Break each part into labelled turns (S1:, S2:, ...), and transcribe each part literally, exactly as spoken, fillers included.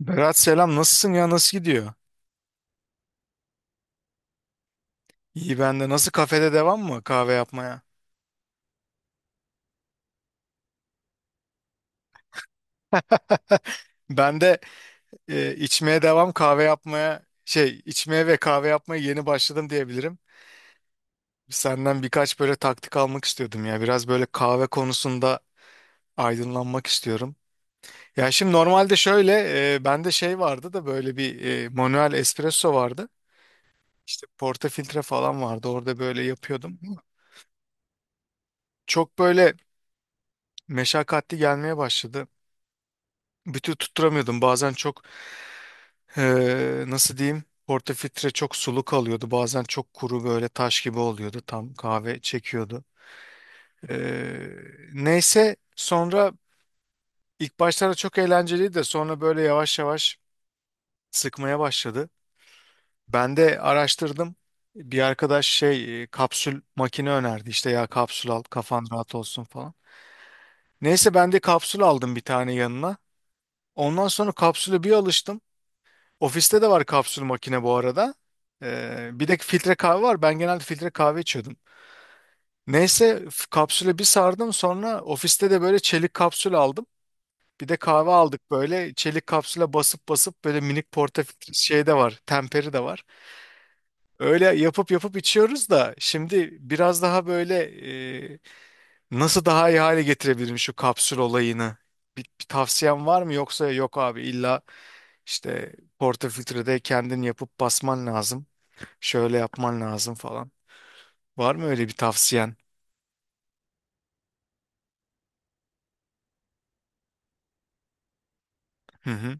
S1: Berat, selam, nasılsın ya, nasıl gidiyor? İyi ben de. Nasıl, kafede devam mı kahve yapmaya? Ben de e, içmeye devam, kahve yapmaya şey içmeye ve kahve yapmaya yeni başladım diyebilirim. Senden birkaç böyle taktik almak istiyordum ya, biraz böyle kahve konusunda aydınlanmak istiyorum. Ya şimdi normalde şöyle, e, bende şey vardı da, böyle bir e, manuel espresso vardı. İşte portafiltre falan vardı, orada böyle yapıyordum. Çok böyle meşakkatli gelmeye başladı. Bütün tutturamıyordum, bazen çok. Ee, nasıl diyeyim? Portafiltre çok sulu kalıyordu. Bazen çok kuru, böyle taş gibi oluyordu. Tam kahve çekiyordu. Ee, neyse sonra, ilk başlarda çok eğlenceliydi de sonra böyle yavaş yavaş sıkmaya başladı. Ben de araştırdım. Bir arkadaş şey, e, kapsül makine önerdi. İşte, ya kapsül al, kafan rahat olsun falan. Neyse, ben de kapsül aldım bir tane yanına. Ondan sonra kapsüle bir alıştım. Ofiste de var kapsül makine bu arada. Ee, bir de filtre kahve var. Ben genelde filtre kahve içiyordum. Neyse, f- kapsüle bir sardım, sonra ofiste de böyle çelik kapsül aldım. Bir de kahve aldık, böyle çelik kapsüle basıp basıp, böyle minik portafiltre şey de var. Temperi de var. Öyle yapıp yapıp içiyoruz da şimdi biraz daha böyle, e, nasıl daha iyi hale getirebilirim şu kapsül olayını? Bir, bir tavsiyen var mı, yoksa yok abi, illa işte portafiltrede kendin yapıp basman lazım, şöyle yapman lazım falan? Var mı öyle bir tavsiyen? Hı hı.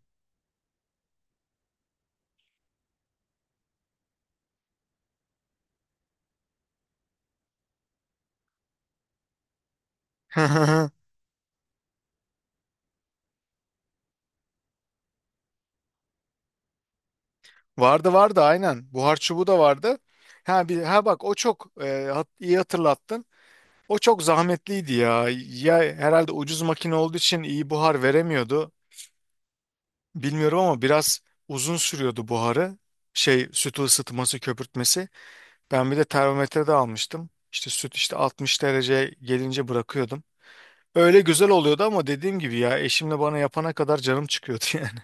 S1: Vardı vardı, aynen. Buhar çubuğu da vardı. Ha bir ha bak, o çok e, hat- iyi hatırlattın. O çok zahmetliydi ya. Ya herhalde ucuz makine olduğu için iyi buhar veremiyordu. Bilmiyorum ama biraz uzun sürüyordu buharı. Şey, sütü ısıtması, köpürtmesi. Ben bir de termometre de almıştım. İşte süt, işte altmış derece gelince bırakıyordum. Öyle güzel oluyordu ama dediğim gibi ya, eşimle bana yapana kadar canım çıkıyordu yani.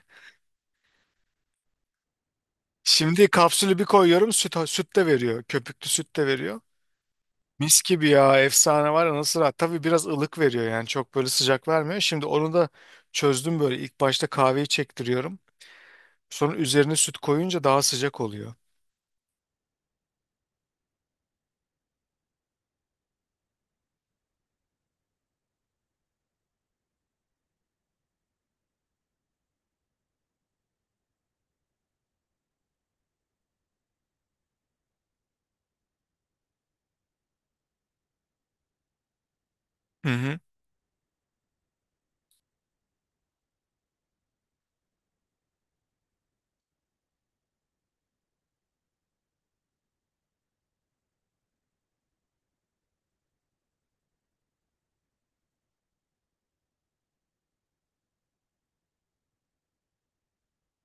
S1: Şimdi kapsülü bir koyuyorum, süt, süt de veriyor. Köpüklü süt de veriyor. Mis gibi ya, efsane, var ya nasıl rahat. Tabii biraz ılık veriyor, yani çok böyle sıcak vermiyor. Şimdi onu da çözdüm, böyle ilk başta kahveyi çektiriyorum. Sonra üzerine süt koyunca daha sıcak oluyor. Hı hı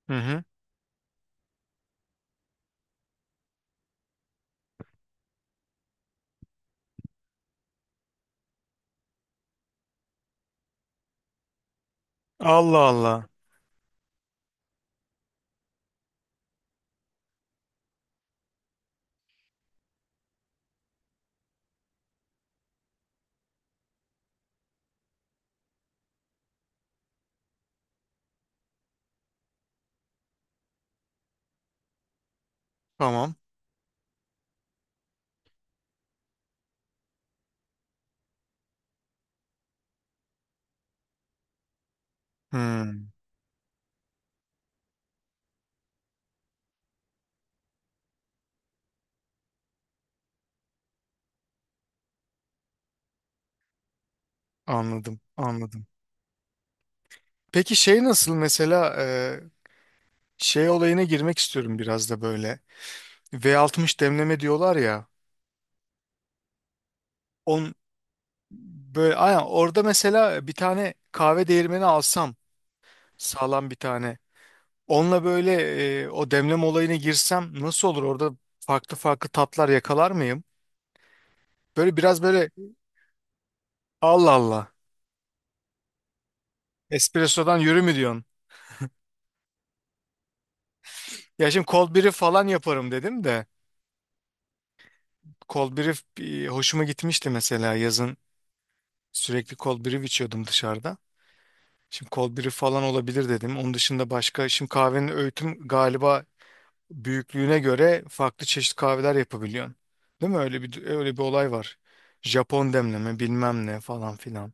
S1: hı hı. Allah Allah. Tamam. Hmm, anladım anladım. Peki şey nasıl mesela, e, şey olayına girmek istiyorum biraz da böyle. V altmış demleme diyorlar ya. On, böyle aynen orada mesela bir tane kahve değirmeni alsam, sağlam bir tane. Onunla böyle, e, o demleme olayına girsem nasıl olur? Orada farklı farklı tatlar yakalar mıyım? Böyle biraz böyle. Allah Allah. Espresso'dan yürü mü diyorsun? Ya şimdi cold brew falan yaparım dedim de. Cold brew e, hoşuma gitmişti mesela yazın. Sürekli cold brew içiyordum dışarıda. Şimdi cold brew falan olabilir dedim. Onun dışında başka, şimdi kahvenin öğütüm galiba büyüklüğüne göre farklı çeşit kahveler yapabiliyorsun. Değil mi? Öyle bir, öyle bir olay var. Japon demleme bilmem ne falan filan.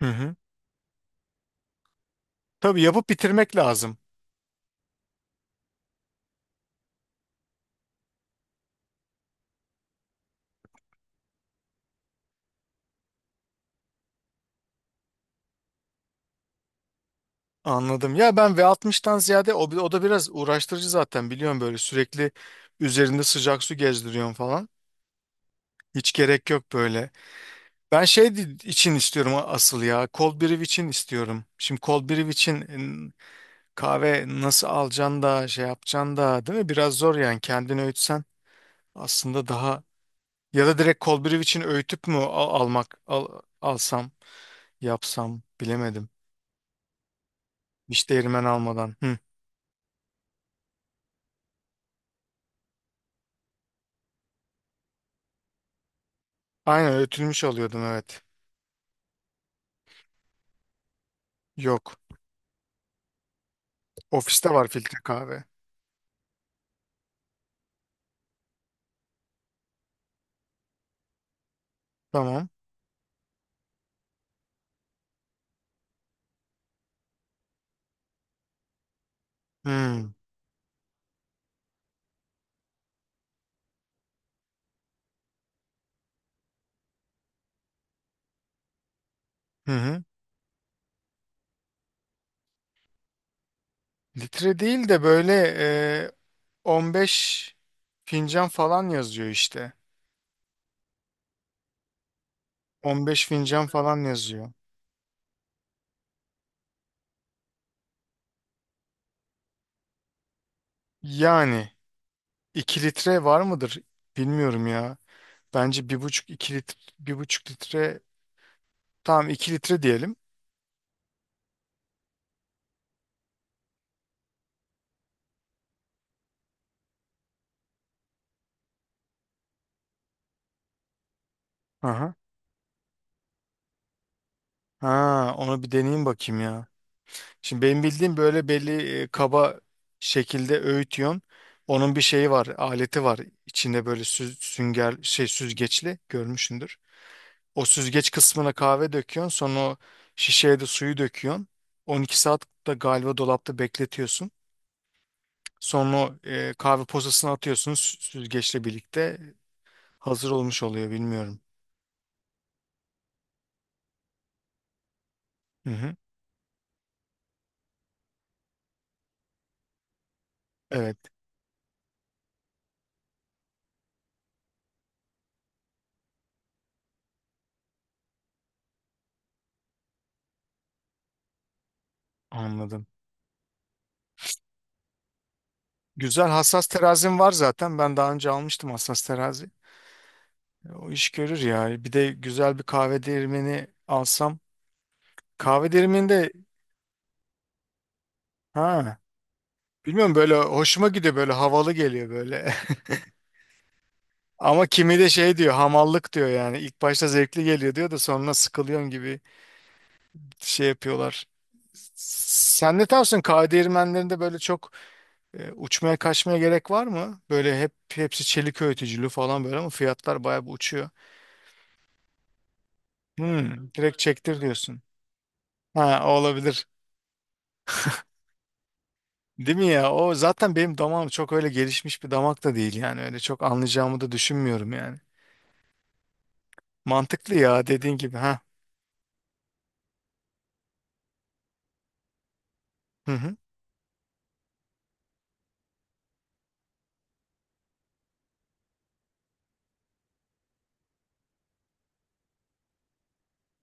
S1: Hı hı. Tabii, yapıp bitirmek lazım. Anladım. Ya ben V altmıştan ziyade, o, o da biraz uğraştırıcı zaten, biliyorum böyle sürekli üzerinde sıcak su gezdiriyorum falan. Hiç gerek yok böyle. Ben şey di- için istiyorum, a- asıl ya. Cold brew için istiyorum. Şimdi cold brew için, ın, kahve nasıl alacaksın da şey yapacaksın da, değil mi? Biraz zor yani, kendini öğütsen aslında daha. Ya da direkt Kolbiriv için öğütüp mü al- almak al- alsam yapsam bilemedim. Hiç değirmen almadan. Hı. Aynen, öğütülmüş alıyordum, evet. Yok. Ofiste var filtre kahve. Tamam. Hı. Hı hı. Litre değil de böyle, e, on beş fincan falan yazıyor işte. on beş fincan falan yazıyor. Yani iki litre var mıdır? Bilmiyorum ya. Bence bir buçuk iki litre, bir buçuk litre, tamam, iki litre diyelim. Aha. Ha, onu bir deneyeyim bakayım ya. Şimdi benim bildiğim böyle belli, e, kaba şekilde öğütüyorsun. Onun bir şeyi var, aleti var. İçinde böyle sü- sünger şey süzgeçli görmüşsündür. O süzgeç kısmına kahve döküyorsun, sonra o şişeye de suyu döküyorsun. On iki saat de galiba dolapta bekletiyorsun. Sonra o, e, kahve posasını atıyorsun, sü- süzgeçle birlikte. Hazır olmuş oluyor bilmiyorum. Hı hı. Evet, anladım. Güzel, hassas terazim var zaten. Ben daha önce almıştım hassas terazi. O iş görür ya. Bir de güzel bir kahve değirmeni alsam. Kahve değirmeninde, ha, bilmiyorum, böyle hoşuma gidiyor, böyle havalı geliyor böyle. Ama kimi de şey diyor, hamallık diyor yani. İlk başta zevkli geliyor diyor da sonra sıkılıyorum gibi şey yapıyorlar. Sen ne tarafsın? Kahve değirmenlerinde böyle çok, e, uçmaya kaçmaya gerek var mı? Böyle hep hepsi çelik öğütücülü falan böyle, ama fiyatlar bayağı bir uçuyor. Hmm, direkt çektir diyorsun. Ha, o olabilir. Değil mi ya? O zaten benim damağım çok öyle gelişmiş bir damak da değil yani. Öyle çok anlayacağımı da düşünmüyorum yani. Mantıklı ya, dediğin gibi. Ha. Hı hı.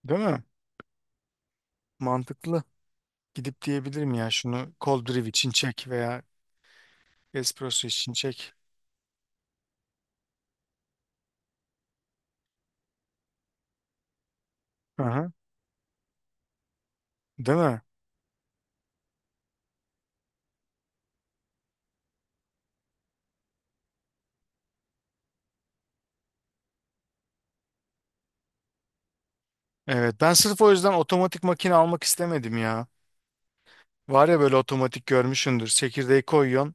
S1: Değil mi? Mantıklı. Gidip diyebilirim ya, şunu cold brew için çek veya espresso için çek. Hı hı. Değil mi? Evet, ben sırf o yüzden otomatik makine almak istemedim ya. Var ya böyle otomatik, görmüşsündür. Çekirdeği koyuyorsun.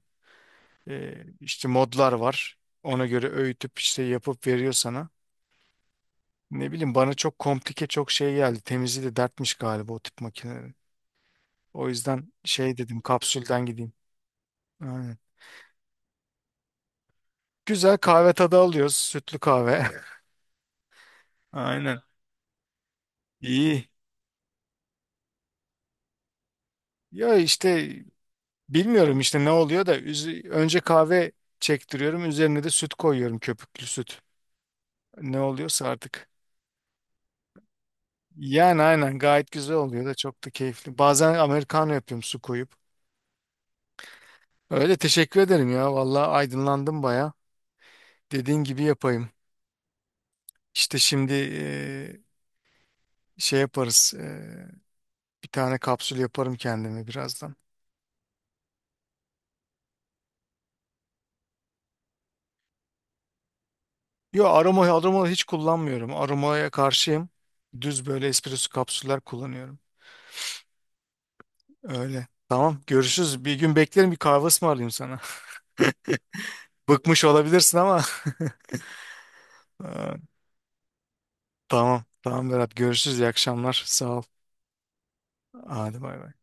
S1: Ee, işte modlar var. Ona göre öğütüp işte yapıp veriyor sana. Ne bileyim, bana çok komplike çok şey geldi. Temizliği de dertmiş galiba o tip makinelerin. O yüzden şey dedim, kapsülden gideyim. Aynen. Güzel kahve tadı alıyoruz. Sütlü kahve. Aynen. İyi. Ya işte bilmiyorum işte ne oluyor da üzü- önce kahve çektiriyorum. Üzerine de süt koyuyorum, köpüklü süt. Ne oluyorsa artık. Yani aynen gayet güzel oluyor da çok da keyifli. Bazen americano yapıyorum, su koyup. Öyle, teşekkür ederim ya. Vallahi aydınlandım baya. Dediğin gibi yapayım. İşte şimdi, eee, şey yaparız. eee, bir tane kapsül yaparım kendime birazdan. Yo, aroma, aroma hiç kullanmıyorum. Aromaya karşıyım. Düz böyle espresso kapsüller kullanıyorum. Öyle. Tamam, görüşürüz. Bir gün beklerim, bir kahve ısmarlayayım sana. Bıkmış olabilirsin ama. Ee, Tamam. Tamam Berat, görüşürüz. İyi akşamlar. Sağ ol. Hadi, bay bay.